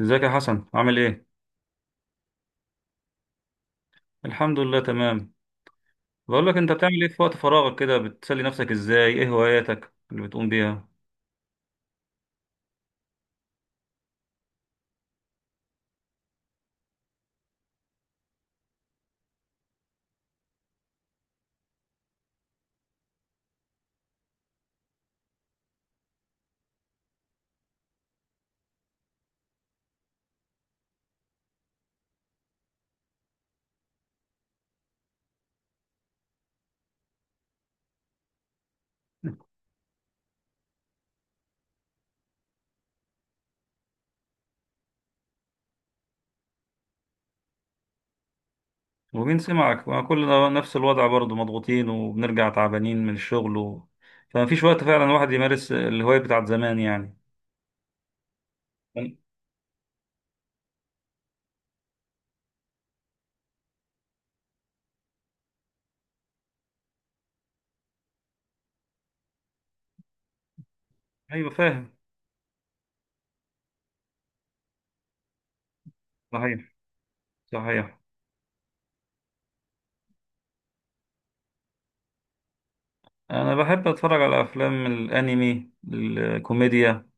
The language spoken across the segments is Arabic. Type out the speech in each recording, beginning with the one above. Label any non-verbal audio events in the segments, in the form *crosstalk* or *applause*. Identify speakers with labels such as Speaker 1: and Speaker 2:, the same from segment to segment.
Speaker 1: ازيك يا حسن، عامل ايه؟ الحمد لله تمام. بقول لك، انت بتعمل ايه في وقت فراغك كده؟ بتسلي نفسك ازاي؟ ايه هواياتك اللي بتقوم بيها؟ ومين سمعك، ما كلنا نفس الوضع برضه، مضغوطين وبنرجع تعبانين من الشغل و... فمفيش وقت فعلا الواحد يمارس الهواية بتاعت زمان يعني. أنا- ايوه، فاهم. صحيح، صحيح. انا بحب اتفرج على افلام الانمي الكوميديا.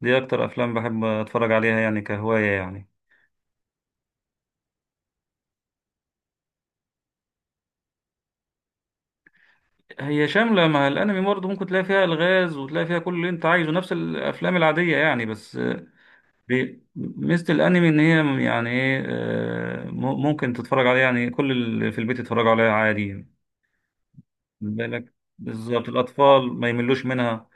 Speaker 1: دي اكتر افلام بحب اتفرج عليها يعني، كهواية يعني. هي شاملة، مع الأنمي برضه ممكن تلاقي فيها ألغاز وتلاقي فيها كل اللي أنت عايزه، نفس الأفلام العادية يعني بس. ميزة الأنمي، إن هي يعني إيه، ممكن تتفرج عليها يعني، كل اللي في البيت يتفرجوا عليها عادي يعني. خد بالك، بالظبط الأطفال ما يملوش منها.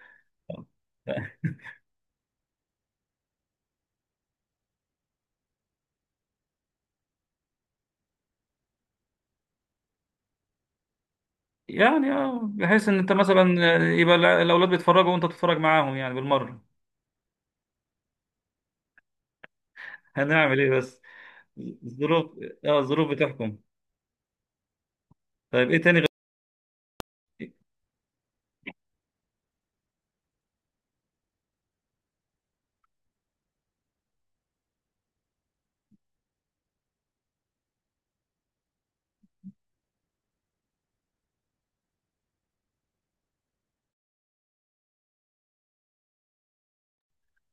Speaker 1: يعني اه، بحيث إن أنت مثلا، يبقى الأولاد بيتفرجوا وأنت بتتفرج معاهم يعني بالمرة. هنعمل إيه بس؟ الظروف. اه، الظروف بتحكم. طيب، إيه تاني؟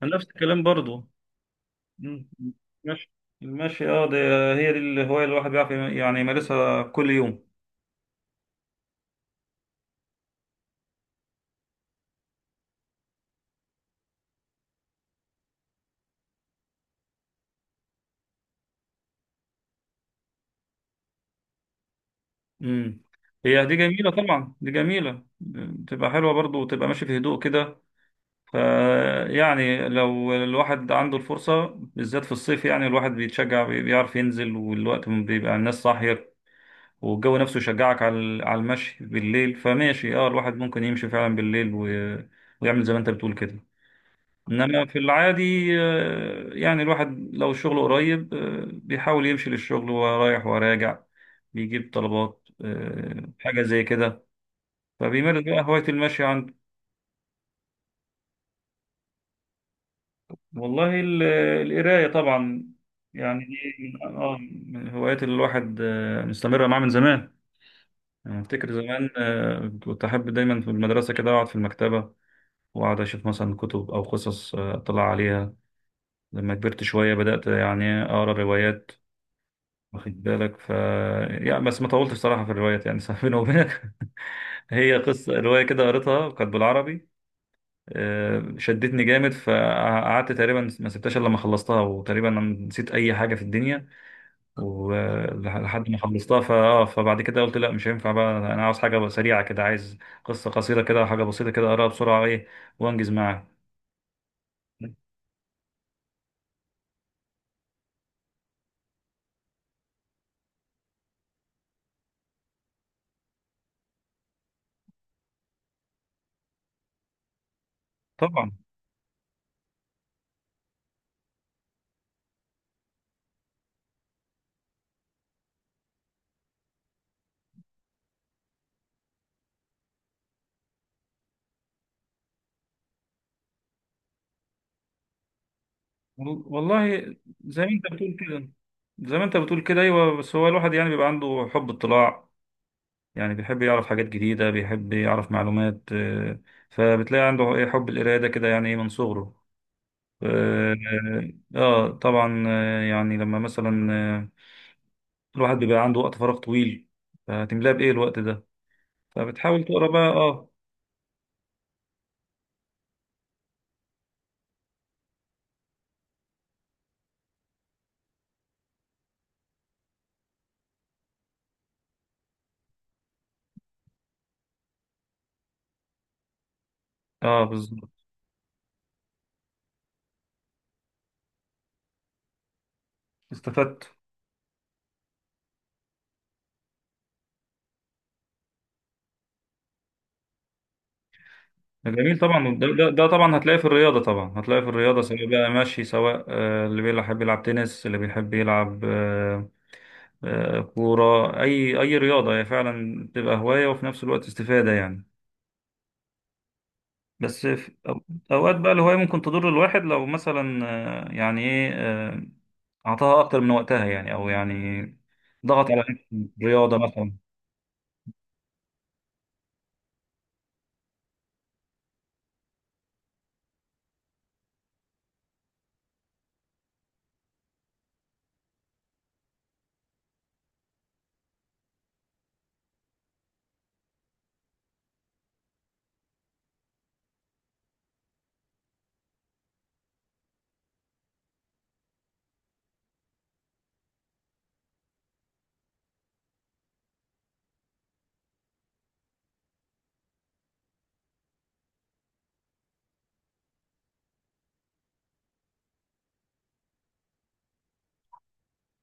Speaker 1: غير نفس الكلام برضه. مم. ماشي. المشي، اه، ده. هي دي الهواية اللي الواحد بيعرف يعني يمارسها كل يوم. مم. هي دي جميلة طبعا، دي جميلة. تبقى حلوة برضو، وتبقى ماشي في هدوء كده. ف، يعني لو الواحد عنده الفرصة، بالذات في الصيف، يعني الواحد بيتشجع، بيعرف ينزل، والوقت بيبقى الناس صاحية، والجو نفسه يشجعك على على المشي بالليل. فماشي، اه، الواحد ممكن يمشي فعلا بالليل و... ويعمل زي ما انت بتقول كده. انما في العادي، يعني الواحد لو شغله قريب، بيحاول يمشي للشغل وهو رايح وراجع، بيجيب طلبات، حاجة زي كده. فبيمارس بقى هواية المشي عنده. والله ال- القراية طبعا، يعني دي من، من الهوايات اللي الواحد مستمر معاه من زمان. أنا أفتكر زمان كنت أحب دايما في المدرسة كده أقعد في المكتبة، وأقعد أشوف مثلا كتب أو قصص، أطلع عليها. لما كبرت شوية بدأت يعني أقرأ روايات، واخد بالك. ف، يعني بس ما طولتش صراحة في الروايات يعني. *laughs* صراحة بيني وبينك، *laughs* هي قصة رواية كده قريتها، كانت بالعربي، شدتني جامد، فقعدت تقريبا ما سبتهاش إلا لما خلصتها، وتقريبا أنا نسيت أي حاجة في الدنيا ولحد ما خلصتها. فبعد كده قلت لا، مش هينفع، بقى أنا عاوز حاجة سريعة كده، عايز قصة قصيرة كده، حاجة بسيطة كده أقراها بسرعة، إيه، وأنجز معاها. طبعا. والله زي ما أنت بتقول كده. زي ما أنت بتقول كده أيوه، بس هو الواحد يعني بيبقى عنده حب اطلاع. يعني بيحب يعرف حاجات جديدة، بيحب يعرف معلومات، فبتلاقي عنده إيه، حب القراية ده كده يعني إيه من صغره. آه. طبعا، يعني لما مثلا، الواحد بيبقى عنده وقت فراغ طويل، هتملاه بإيه الوقت ده؟ فبتحاول تقرا بقى آه، بالظبط. استفدت. جميل طبعا، ده طبعا هتلاقيه في الرياضة، طبعا هتلاقيه في الرياضة، سواء بقى ماشي، سواء اللي بيحب يلعب تنس، اللي بيحب يلعب كورة، أي رياضة هي فعلا بتبقى هواية وفي نفس الوقت استفادة يعني. بس في أوقات بقى الهواية ممكن تضر الواحد، لو مثلا يعني إيه، أعطاها أكتر من وقتها يعني، أو يعني ضغط على نفسه رياضة مثلا.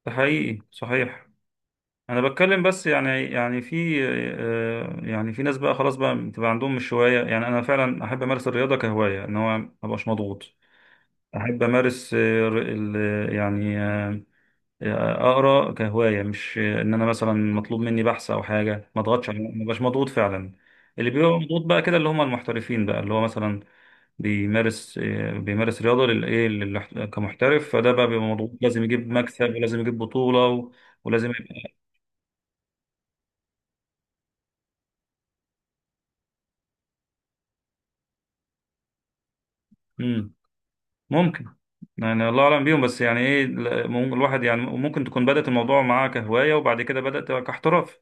Speaker 1: ده حقيقي، صحيح. أنا بتكلم بس يعني في، يعني في ناس بقى خلاص بقى بتبقى عندهم مش هواية. يعني أنا فعلا أحب أمارس الرياضة كهواية، إن هو مبقاش مضغوط. أحب أمارس يعني اقرا كهوايه، مش ان انا مثلا مطلوب مني بحث او حاجه ما اضغطش عليه، ما بقاش مضغوط فعلا. اللي بيبقى مضغوط بقى كده اللي هم المحترفين، بقى اللي هو مثلا بيمارس رياضه، للايه، كمحترف. فده بقى بيبقى مضغوط، لازم يجيب مكسب، ولازم يجيب بطوله و... ولازم يبقى. مم. ممكن. يعني الله اعلم بيهم، بس يعني ايه الواحد يعني ممكن تكون بدات الموضوع معاه كهوايه، وبعد كده بدات كاحتراف.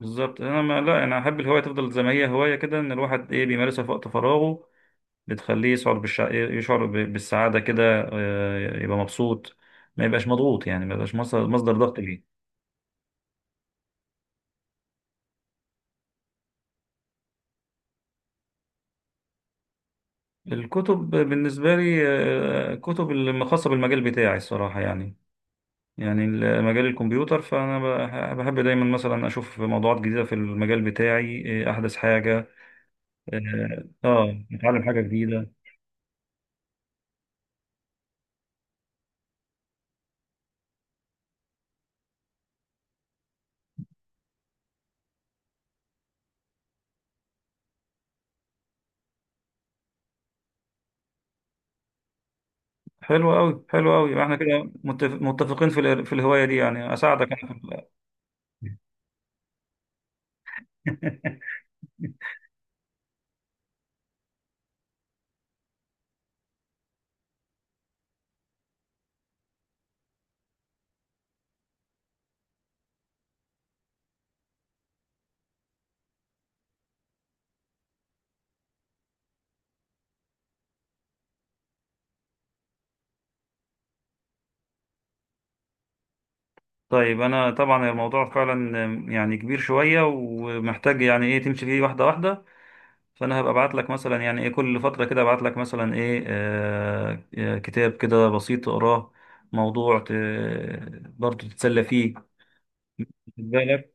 Speaker 1: بالظبط. انا ما لا انا احب الهوايه تفضل زي ما هي هوايه كده، ان الواحد ايه بيمارسها في وقت فراغه، بتخليه يشعر يشعر بالسعادة كده. يبقى مبسوط، ما يبقاش مضغوط، يعني ما يبقاش مصدر ضغط ليه. الكتب بالنسبة لي، كتب خاصة بالمجال بتاعي الصراحة يعني، يعني مجال الكمبيوتر. فأنا بحب دايما مثلا أشوف موضوعات جديدة في المجال بتاعي، أحدث حاجة، أتعلم حاجة جديده. حلو أوي حلو أوي، إحنا كده متفقين في في الهواية دي. يعني أساعدك أنا في *laughs* طيب، انا طبعا الموضوع فعلا يعني كبير شويه، ومحتاج يعني ايه تمشي فيه واحده واحده. فانا هبقى ابعت لك مثلا يعني ايه، كل فتره كده ابعت لك مثلا ايه كتاب كده بسيط تقراه، موضوع برضه تتسلى فيه، خد بالك.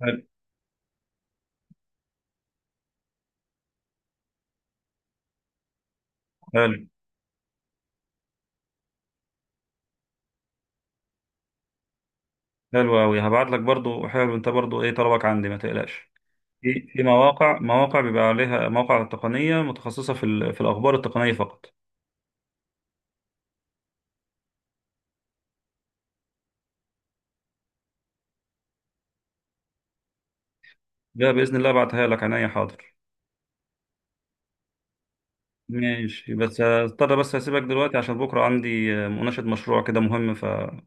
Speaker 1: حلو حلو حلو قوي، هبعت لك برضه. حلو، انت برضه ايه طلبك عندي، ما تقلقش. في مواقع بيبقى عليها، مواقع تقنيه متخصصه في ال... في الاخبار التقنيه فقط. ده باذن الله ابعتها لك عينيا، حاضر. ماشي، بس هضطر، بس اسيبك دلوقتي عشان بكره عندي مناقشة مشروع كده مهم، فهضطر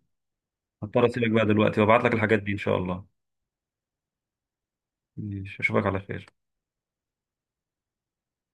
Speaker 1: اسيبك بقى دلوقتي وابعت لك الحاجات دي ان شاء الله. ماشي، اشوفك على خير.